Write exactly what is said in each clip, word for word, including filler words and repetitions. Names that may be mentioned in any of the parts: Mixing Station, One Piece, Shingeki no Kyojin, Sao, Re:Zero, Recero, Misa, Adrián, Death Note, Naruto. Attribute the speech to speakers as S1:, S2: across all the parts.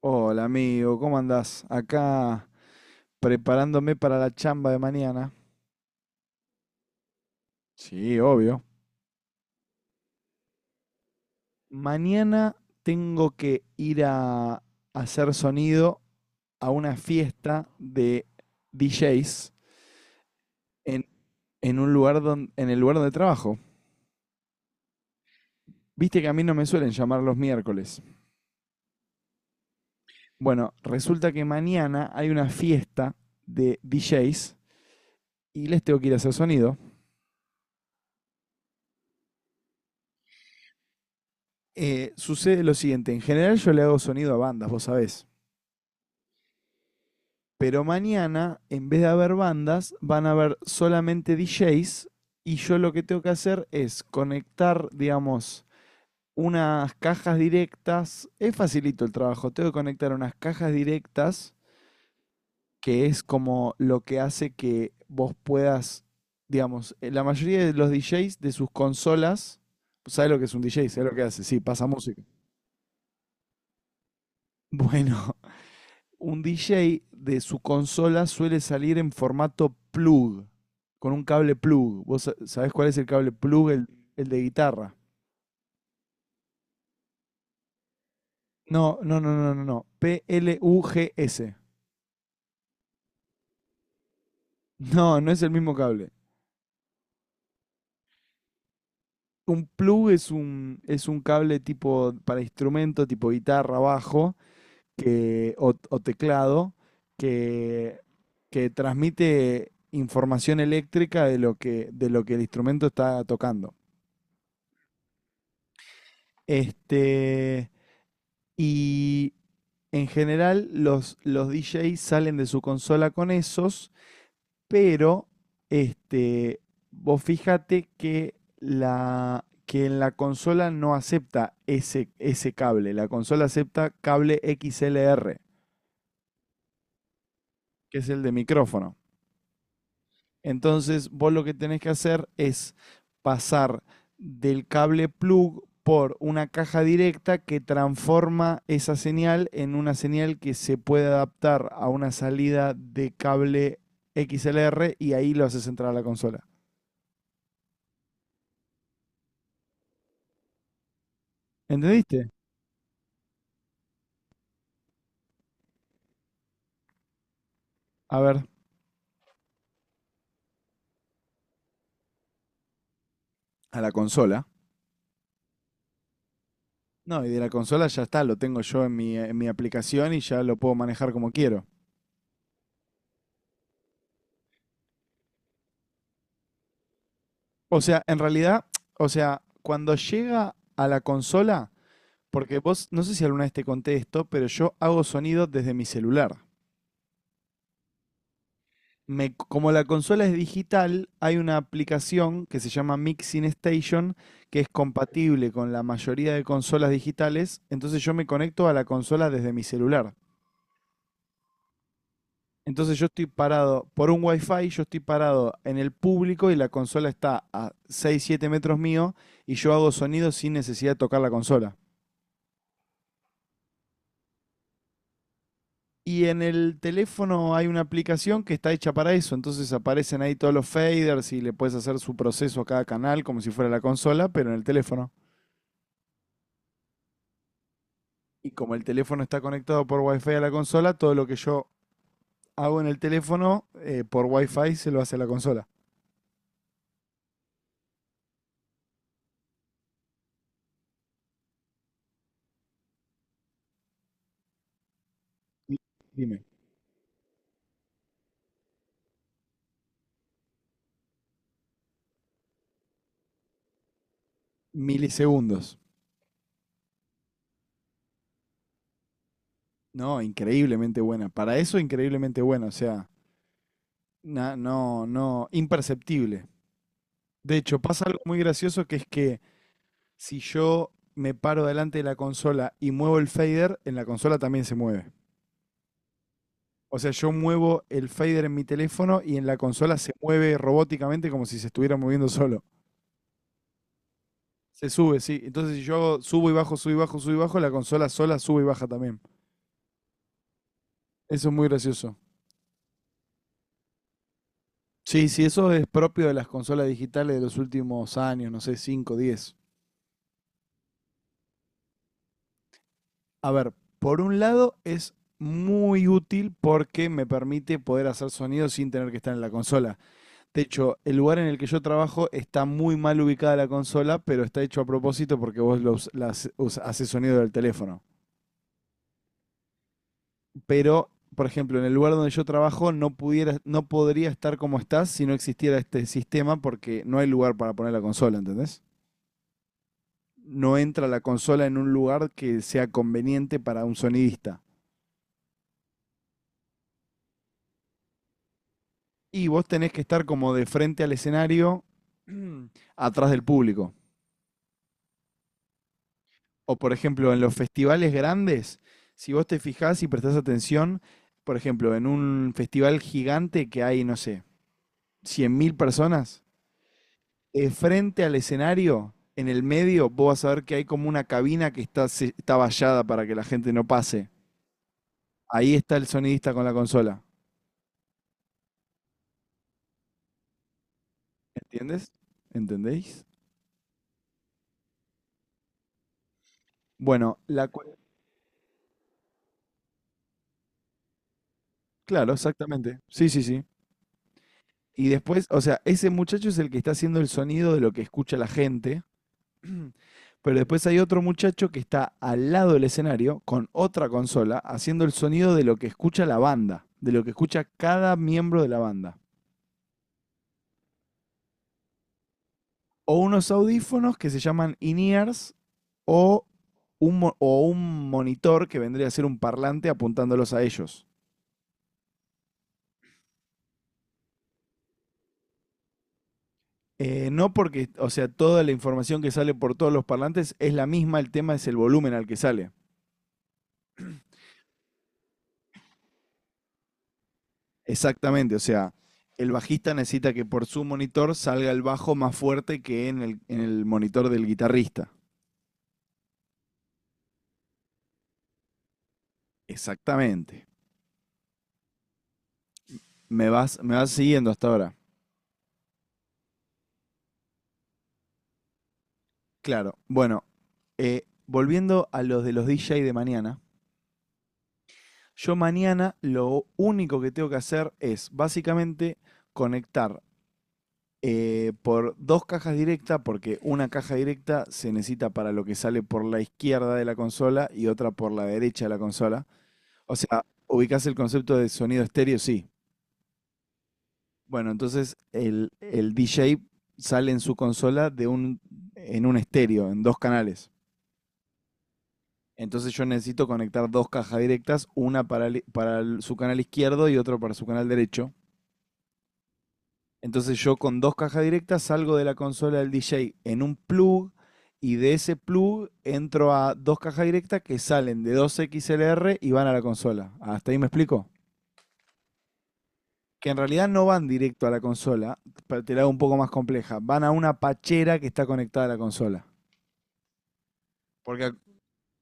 S1: Hola amigo, ¿cómo andás? Acá preparándome para la chamba de mañana. Sí, obvio. Mañana tengo que ir a hacer sonido a una fiesta de D Js en, en un lugar don- en el lugar de trabajo. Viste que a mí no me suelen llamar los miércoles. Bueno, resulta que mañana hay una fiesta de D Js y les tengo que ir a hacer sonido. Eh, sucede lo siguiente, en general yo le hago sonido a bandas, vos sabés. Pero mañana, en vez de haber bandas, van a haber solamente D Js. Y yo lo que tengo que hacer es conectar, digamos, unas cajas directas. Es facilito el trabajo. Tengo que conectar unas cajas directas, que es como lo que hace que vos puedas, digamos, eh, la mayoría de los D Js de sus consolas. ¿Sabes lo que es un D J? ¿Sabes lo que hace? Sí, pasa música. Bueno, un D J de su consola suele salir en formato plug, con un cable plug. ¿Vos sa- sabés cuál es el cable plug? El, el de guitarra. No, no, no, no, no, no. P-L-U-G-S. No, no es el mismo cable. Un plug es un, es un cable tipo para instrumento, tipo guitarra, bajo que, o, o teclado, que, que transmite información eléctrica de lo que, de lo que el instrumento está tocando. Este, Y en general los, los D Js salen de su consola con esos, pero este, vos fíjate que, la, que en la consola no acepta ese, ese cable, la consola acepta cable X L R, que es el de micrófono. Entonces, vos lo que tenés que hacer es pasar del cable plug por una caja directa que transforma esa señal en una señal que se puede adaptar a una salida de cable X L R y ahí lo haces entrar a la consola. ¿Entendiste? A ver. A la consola. No, y de la consola ya está, lo tengo yo en mi, en mi aplicación y ya lo puedo manejar como quiero. O sea, en realidad, o sea, cuando llega a la consola. Porque vos, no sé si alguna vez te conté esto, pero yo hago sonido desde mi celular. Me, como la consola es digital, hay una aplicación que se llama Mixing Station, que es compatible con la mayoría de consolas digitales. Entonces yo me conecto a la consola desde mi celular. Entonces yo estoy parado por un wifi, yo estoy parado en el público y la consola está a seis siete metros mío y yo hago sonido sin necesidad de tocar la consola. Y en el teléfono hay una aplicación que está hecha para eso, entonces aparecen ahí todos los faders y le puedes hacer su proceso a cada canal como si fuera la consola, pero en el teléfono. Y como el teléfono está conectado por Wi-Fi a la consola, todo lo que yo hago en el teléfono eh, por Wi-Fi se lo hace a la consola. Dime, milisegundos. No, increíblemente buena. Para eso, increíblemente buena. O sea, na- no, no, imperceptible. De hecho, pasa algo muy gracioso que es que si yo me paro delante de la consola y muevo el fader, en la consola también se mueve. O sea, yo muevo el fader en mi teléfono y en la consola se mueve robóticamente como si se estuviera moviendo solo. Se sube, sí. Entonces, si yo hago- subo y bajo, subo y bajo, subo y bajo, la consola sola sube y baja también. Eso es muy gracioso. Sí, sí, eso es propio de las consolas digitales de los últimos años, no sé, cinco, diez. A ver, por un lado es muy útil porque me permite poder hacer sonido sin tener que estar en la consola. De hecho, el lugar en el que yo trabajo está muy mal ubicada la consola, pero está hecho a propósito porque vos lo us- la hace- us- haces sonido del teléfono. Pero, por ejemplo, en el lugar donde yo trabajo no pudiera, no podría estar como estás si no existiera este sistema porque no hay lugar para poner la consola, ¿entendés? No entra la consola en un lugar que sea conveniente para un sonidista. Y vos tenés que estar como de frente al escenario, atrás del público. O por ejemplo, en los festivales grandes, si vos te fijás y prestás atención, por ejemplo, en un festival gigante que hay, no sé, cien mil personas, eh, frente al escenario, en el medio, vos vas a ver que hay como una cabina que está, se- está vallada para que la gente no pase. Ahí está el sonidista con la consola. ¿Entiendes? ¿Entendéis? Bueno, la cue- claro, exactamente. Sí, sí, sí. Y después, o sea, ese muchacho es el que está haciendo el sonido de lo que escucha la gente. Pero después hay otro muchacho que está al lado del escenario con otra consola haciendo el sonido de lo que escucha la banda, de lo que escucha cada miembro de la banda. O unos audífonos que se llaman in-ears o un, mo- o un monitor que vendría a ser un parlante apuntándolos a ellos. Eh, no porque, o sea, toda la información que sale por todos los parlantes es la misma, el tema es el volumen al que sale. Exactamente, o sea, el bajista necesita que por su monitor salga el bajo más fuerte que en el, en el monitor del guitarrista. Exactamente. Me vas, me vas siguiendo hasta ahora. Claro. Bueno, eh, volviendo a los de los D J de mañana, yo mañana lo único que tengo que hacer es básicamente conectar eh, por dos cajas directas, porque una caja directa se necesita para lo que sale por la izquierda de la consola y otra por la derecha de la consola. O sea, ubicás el concepto de sonido estéreo, sí. Bueno, entonces el, el D J sale en su consola de un, en un estéreo, en dos canales. Entonces yo necesito conectar dos cajas directas, una para, el- para el- su canal izquierdo y otra para su canal derecho. Entonces yo con dos cajas directas salgo de la consola del D J en un plug y de ese plug entro a dos cajas directas que salen de dos X L R y van a la consola. ¿Hasta ahí me explico? Que en realidad no van directo a la consola, pa- te la hago un poco más compleja, van a una pachera que está conectada a la consola. Porque,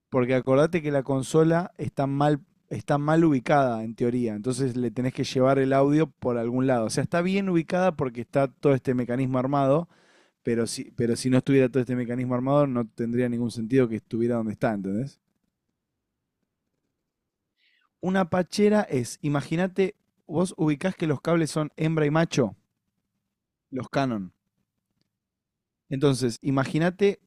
S1: porque acordate que la consola está mal, está mal ubicada en teoría, entonces le tenés que llevar el audio por algún lado. O sea, está bien ubicada porque está todo este mecanismo armado, pero si, pero si no estuviera todo este mecanismo armado no tendría ningún sentido que estuviera donde está, ¿entendés? Una pachera es, imagínate, vos ubicás que los cables son hembra y macho, los Canon. Entonces, imagínate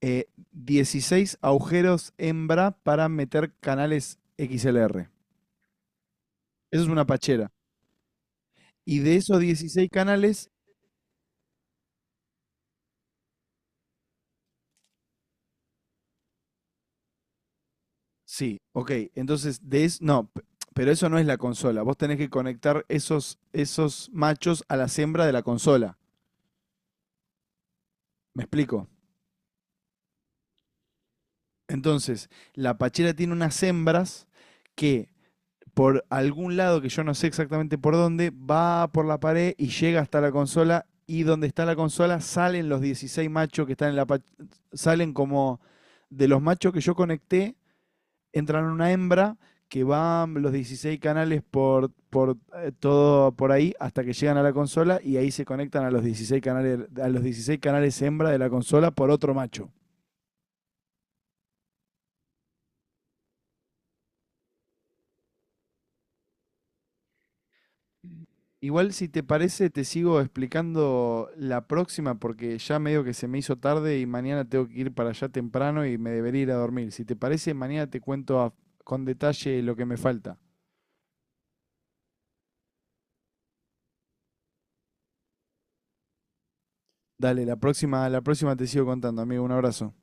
S1: eh, dieciséis agujeros hembra para meter canales X L R. Eso es una pachera. Y de esos dieciséis canales, sí, ok. Entonces, de eso, no, p- pero eso no es la consola. Vos tenés que conectar esos, esos machos a las hembras de la consola. ¿Me explico? Entonces, la pachera tiene unas hembras que por algún lado que yo no sé exactamente por dónde, va por la pared y llega hasta la consola y donde está la consola salen los dieciséis machos que están en la pa- salen como de los machos que yo conecté, entran una hembra que van los dieciséis canales por, por eh, todo por ahí hasta que llegan a la consola y ahí se conectan a los dieciséis canales a los dieciséis canales hembra de la consola por otro macho. Igual si te parece, te sigo explicando la próxima porque ya medio que se me hizo tarde y mañana tengo que ir para allá temprano y me debería ir a dormir. Si te parece, mañana te cuento a- con detalle lo que me falta. Dale, la próxima, la próxima te sigo contando, amigo. Un abrazo.